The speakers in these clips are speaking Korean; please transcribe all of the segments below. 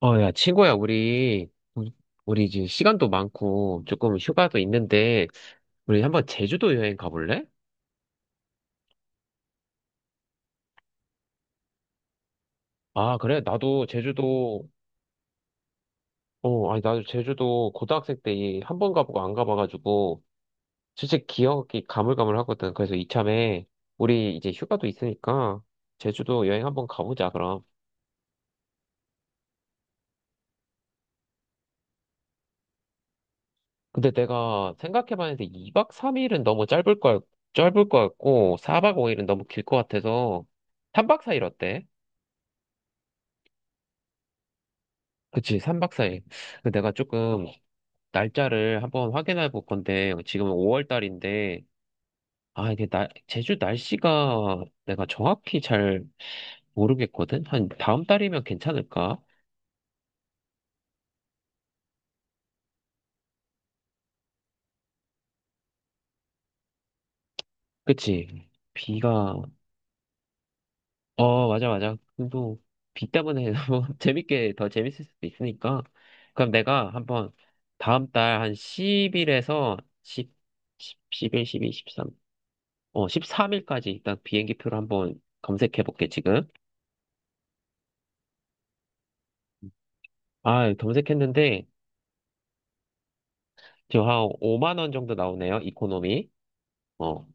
야, 친구야, 우리 이제 시간도 많고, 조금 휴가도 있는데, 우리 한번 제주도 여행 가볼래? 아, 그래? 나도 제주도, 아니, 나도 제주도 고등학생 때 한번 가보고 안 가봐가지고, 진짜 기억이 가물가물하거든. 그래서 이참에, 우리 이제 휴가도 있으니까, 제주도 여행 한번 가보자, 그럼. 근데 내가 생각해봤는데, 2박 3일은 너무 짧을 거 같고, 4박 5일은 너무 길 것 같아서, 3박 4일 어때? 그치, 3박 4일. 내가 조금 날짜를 한번 확인해 볼 건데, 지금 5월 달인데, 아, 이게 나, 제주 날씨가 내가 정확히 잘 모르겠거든? 한 다음 달이면 괜찮을까? 그치? 비가, 맞아, 맞아. 또, 비 때문에 뭐 재밌게, 더 재밌을 수도 있으니까. 그럼 내가 한번 다음 달 한 10일에서 1십 10, 11, 12, 13, 13일까지 일단 비행기표를 한번 검색해 볼게, 지금. 아, 예, 검색했는데, 지금 한 5만 원 정도 나오네요, 이코노미. 어,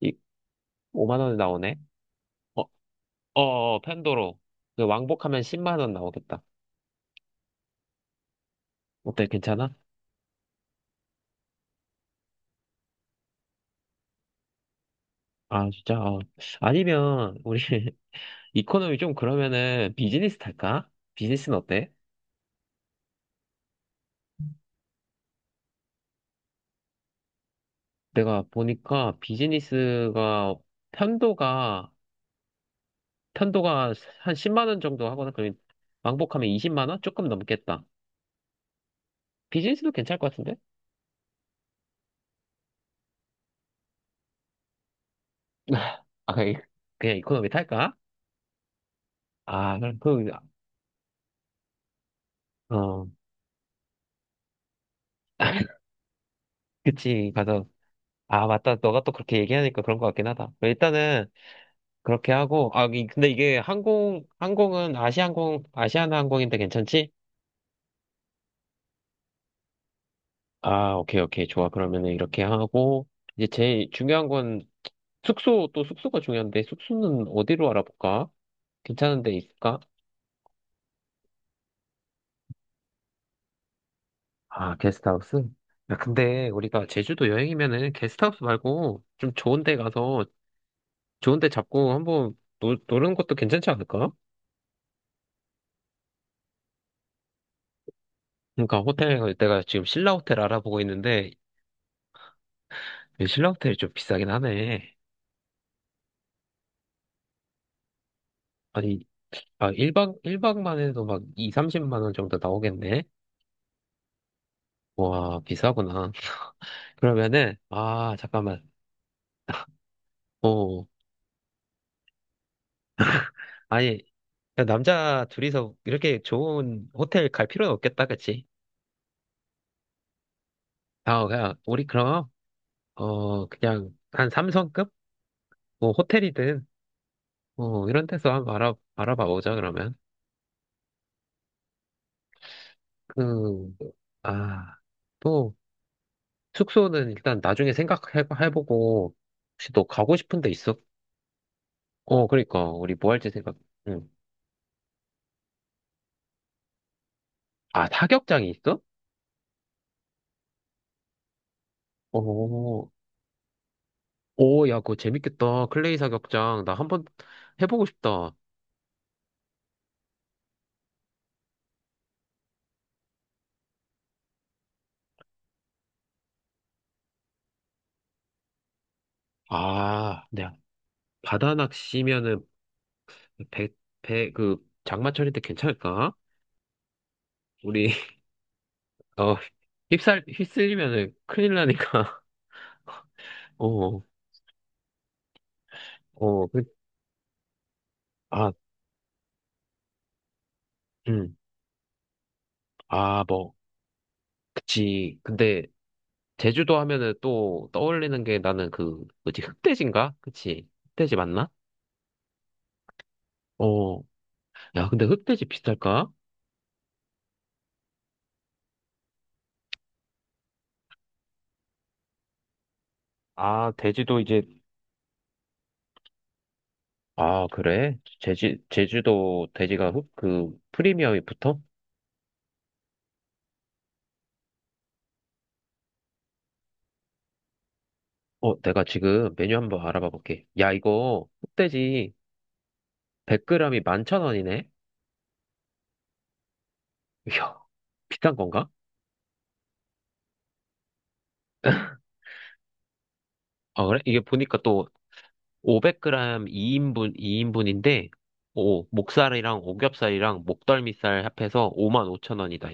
이, 5만 원 나오네. 어, 어, 어, 펜도로. 그 왕복하면 10만 원 나오겠다. 어때, 괜찮아? 아, 진짜. 아. 아니면, 우리, 이코노미 좀 그러면은 비즈니스 탈까? 비즈니스는 어때? 내가 보니까 비즈니스가, 편도가, 편도가 한 10만 원 정도 하거나, 그러면 왕복하면 20만 원? 조금 넘겠다. 비즈니스도 괜찮을 것 같은데? 아, 그냥 그냥 이코노미 탈까? 아, 그럼 그, 어, 그치. 가서, 아, 맞다. 너가 또 그렇게 얘기하니까 그런 것 같긴 하다. 일단은, 그렇게 하고, 아, 근데 이게 항공은 아시아나항공인데 괜찮지? 아, 오케이, 오케이. 좋아. 그러면은 이렇게 하고, 이제 제일 중요한 건 숙소, 또 숙소가 중요한데, 숙소는 어디로 알아볼까? 괜찮은 데 있을까? 아, 게스트하우스? 야, 근데 우리가 제주도 여행이면은 게스트하우스 말고 좀 좋은 데 가서 좋은 데 잡고 한번 노는 것도 괜찮지 않을까? 그러니까 호텔 내가 지금 신라 호텔 알아보고 있는데 그 신라 호텔이 좀 비싸긴 하네. 아니 1박 1박만 해도 막 2, 30만 원 정도 나오겠네. 와, 비싸구나. 그러면은 아, 잠깐만. 어. 아니 그냥 남자 둘이서 이렇게 좋은 호텔 갈 필요는 없겠다. 그치? 아, 그냥 우리 그럼 그냥 한 3성급 뭐 호텔이든 뭐 이런 데서 한번 알아봐 보자 그러면. 그아또 숙소는 일단 나중에 생각해보고, 혹시 너 가고 싶은 데 있어? 그러니까, 우리 뭐 할지 생각, 응. 아, 사격장이 있어? 오, 오, 야, 그거 재밌겠다. 클레이 사격장. 나 한번 해보고 싶다. 아, 네. 바다 낚시면은, 배, 배, 그, 장마철일 때 괜찮을까? 우리, 어, 휩쓸리면은 큰일 나니까. 어, 어, 그, 아, 음, 아, 뭐, 그치. 근데, 제주도 하면은 또 떠올리는 게 나는 그, 뭐지, 흑돼지인가? 그치? 흑돼지 맞나? 어, 야, 근데 흑돼지 비쌀까? 아, 돼지도 이제, 아, 그래? 제주도 돼지가 그, 프리미엄이 붙어? 내가 지금 메뉴 한번 알아봐 볼게. 야, 이거 흑돼지 100g이 11,000원이네? 이야, 비싼 건가? 아, 그래? 이게 보니까 또 500g 2인분인데 오, 목살이랑 오겹살이랑 목덜미살 합해서 55,000원이다,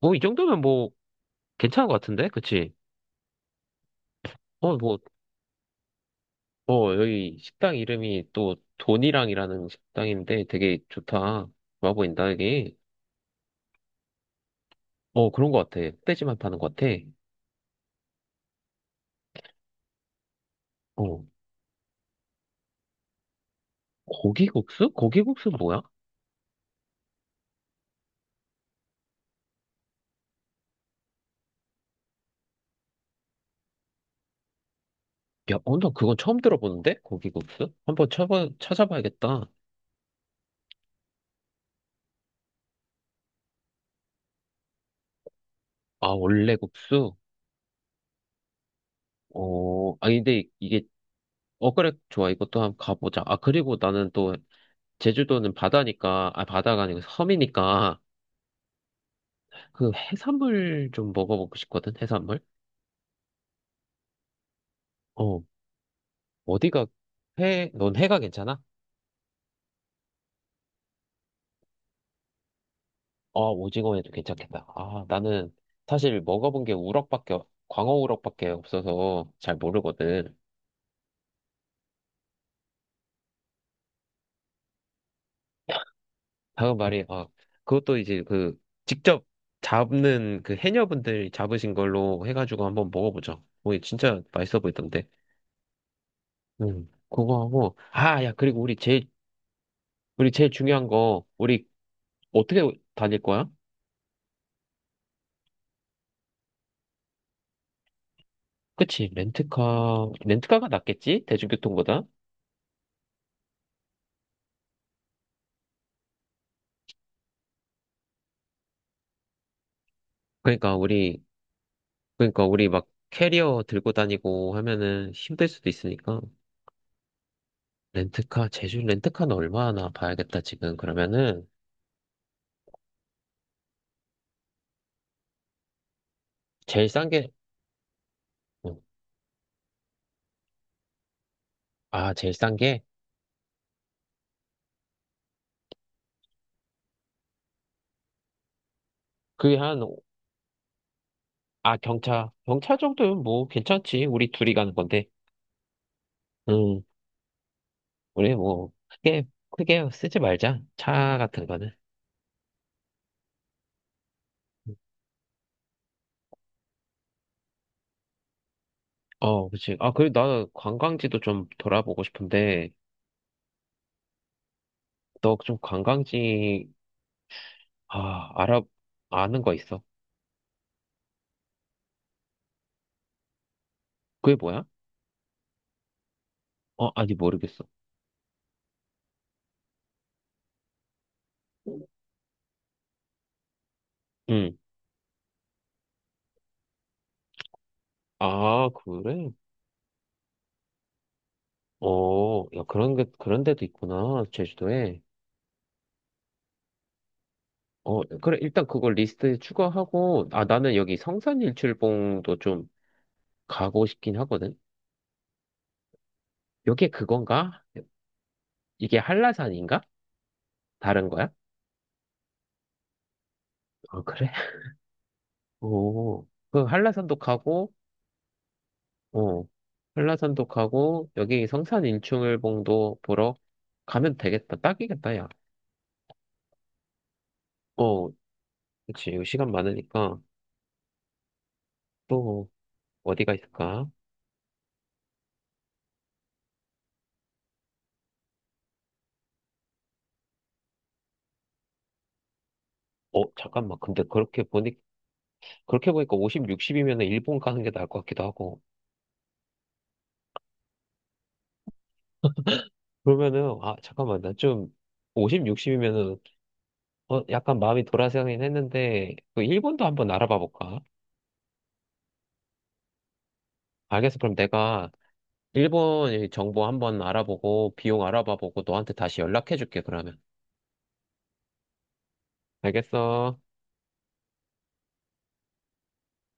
뭐, 이 정도면 뭐, 괜찮은 것 같은데? 그치? 뭐, 여기 식당 이름이 또, 돈이랑이라는 식당인데 되게 좋다. 좋아 보인다, 이게. 어, 그런 것 같아. 흑돼지만 파는 것 같아. 어, 고기국수? 고기국수 뭐야? 야, 나 그건 처음 들어보는데? 고기국수? 한번 찾아봐야겠다. 아, 원래 국수? 아, 근데 이게, 그래, 좋아. 이것도 한번 가보자. 아, 그리고 나는 또, 제주도는 바다니까, 아, 바다가 아니고 섬이니까, 그 해산물 좀 먹어보고 싶거든, 해산물? 어, 어디가, 넌 해가 괜찮아? 아, 오징어에도 괜찮겠다. 아, 나는 사실 먹어본 게 우럭밖에, 광어 우럭밖에 없어서 잘 모르거든. 다음 말이, 아, 그것도 이제 그, 직접 잡는 그 해녀분들이 잡으신 걸로 해가지고 한번 먹어보자. 오, 진짜 맛있어 보이던데. 그거 하고, 아, 야, 그리고 우리 제일 중요한 거, 우리 어떻게 다닐 거야? 그치, 렌트카가 낫겠지? 대중교통보다? 그러니까 우리, 그러니까 우리 막 캐리어 들고 다니고 하면은 힘들 수도 있으니까. 렌트카, 제주 렌트카는 얼마나 봐야겠다, 지금. 그러면은, 제일 싼 게, 어, 제일 싼 게? 그게 한, 아, 경차. 경차 정도면 뭐, 괜찮지. 우리 둘이 가는 건데. 음, 우리 뭐, 크게 쓰지 말자. 차 같은 거는. 어, 그치. 아, 그리고 나 관광지도 좀 돌아보고 싶은데, 너 좀 관광지 아, 아는 거 있어. 그게 뭐야? 어, 아니, 모르겠어. 응. 아, 그래? 어, 야, 그런 데도 있구나, 제주도에. 어, 그래, 일단 그걸 리스트에 추가하고, 아, 나는 여기 성산일출봉도 좀 가고 싶긴 하거든? 여기에 그건가? 이게 한라산인가? 다른 거야? 아, 그래? 오, 그 어, 한라산도 가고, 여기 성산일출봉도 보러 가면 되겠다. 딱이겠다, 야. 어, 그치, 이거 시간 많으니까 또 어디가 있을까? 잠깐만. 근데 그렇게 보니까 50, 60이면 일본 가는 게 나을 것 같기도 하고. 그러면은, 아, 잠깐만. 나 좀, 50, 60이면은, 약간 마음이 돌아서긴 했는데, 그 일본도 한번 알아봐 볼까? 알겠어. 그럼 내가 일본 정보 한번 알아보고, 비용 알아봐 보고, 너한테 다시 연락해 줄게, 그러면. 알겠어.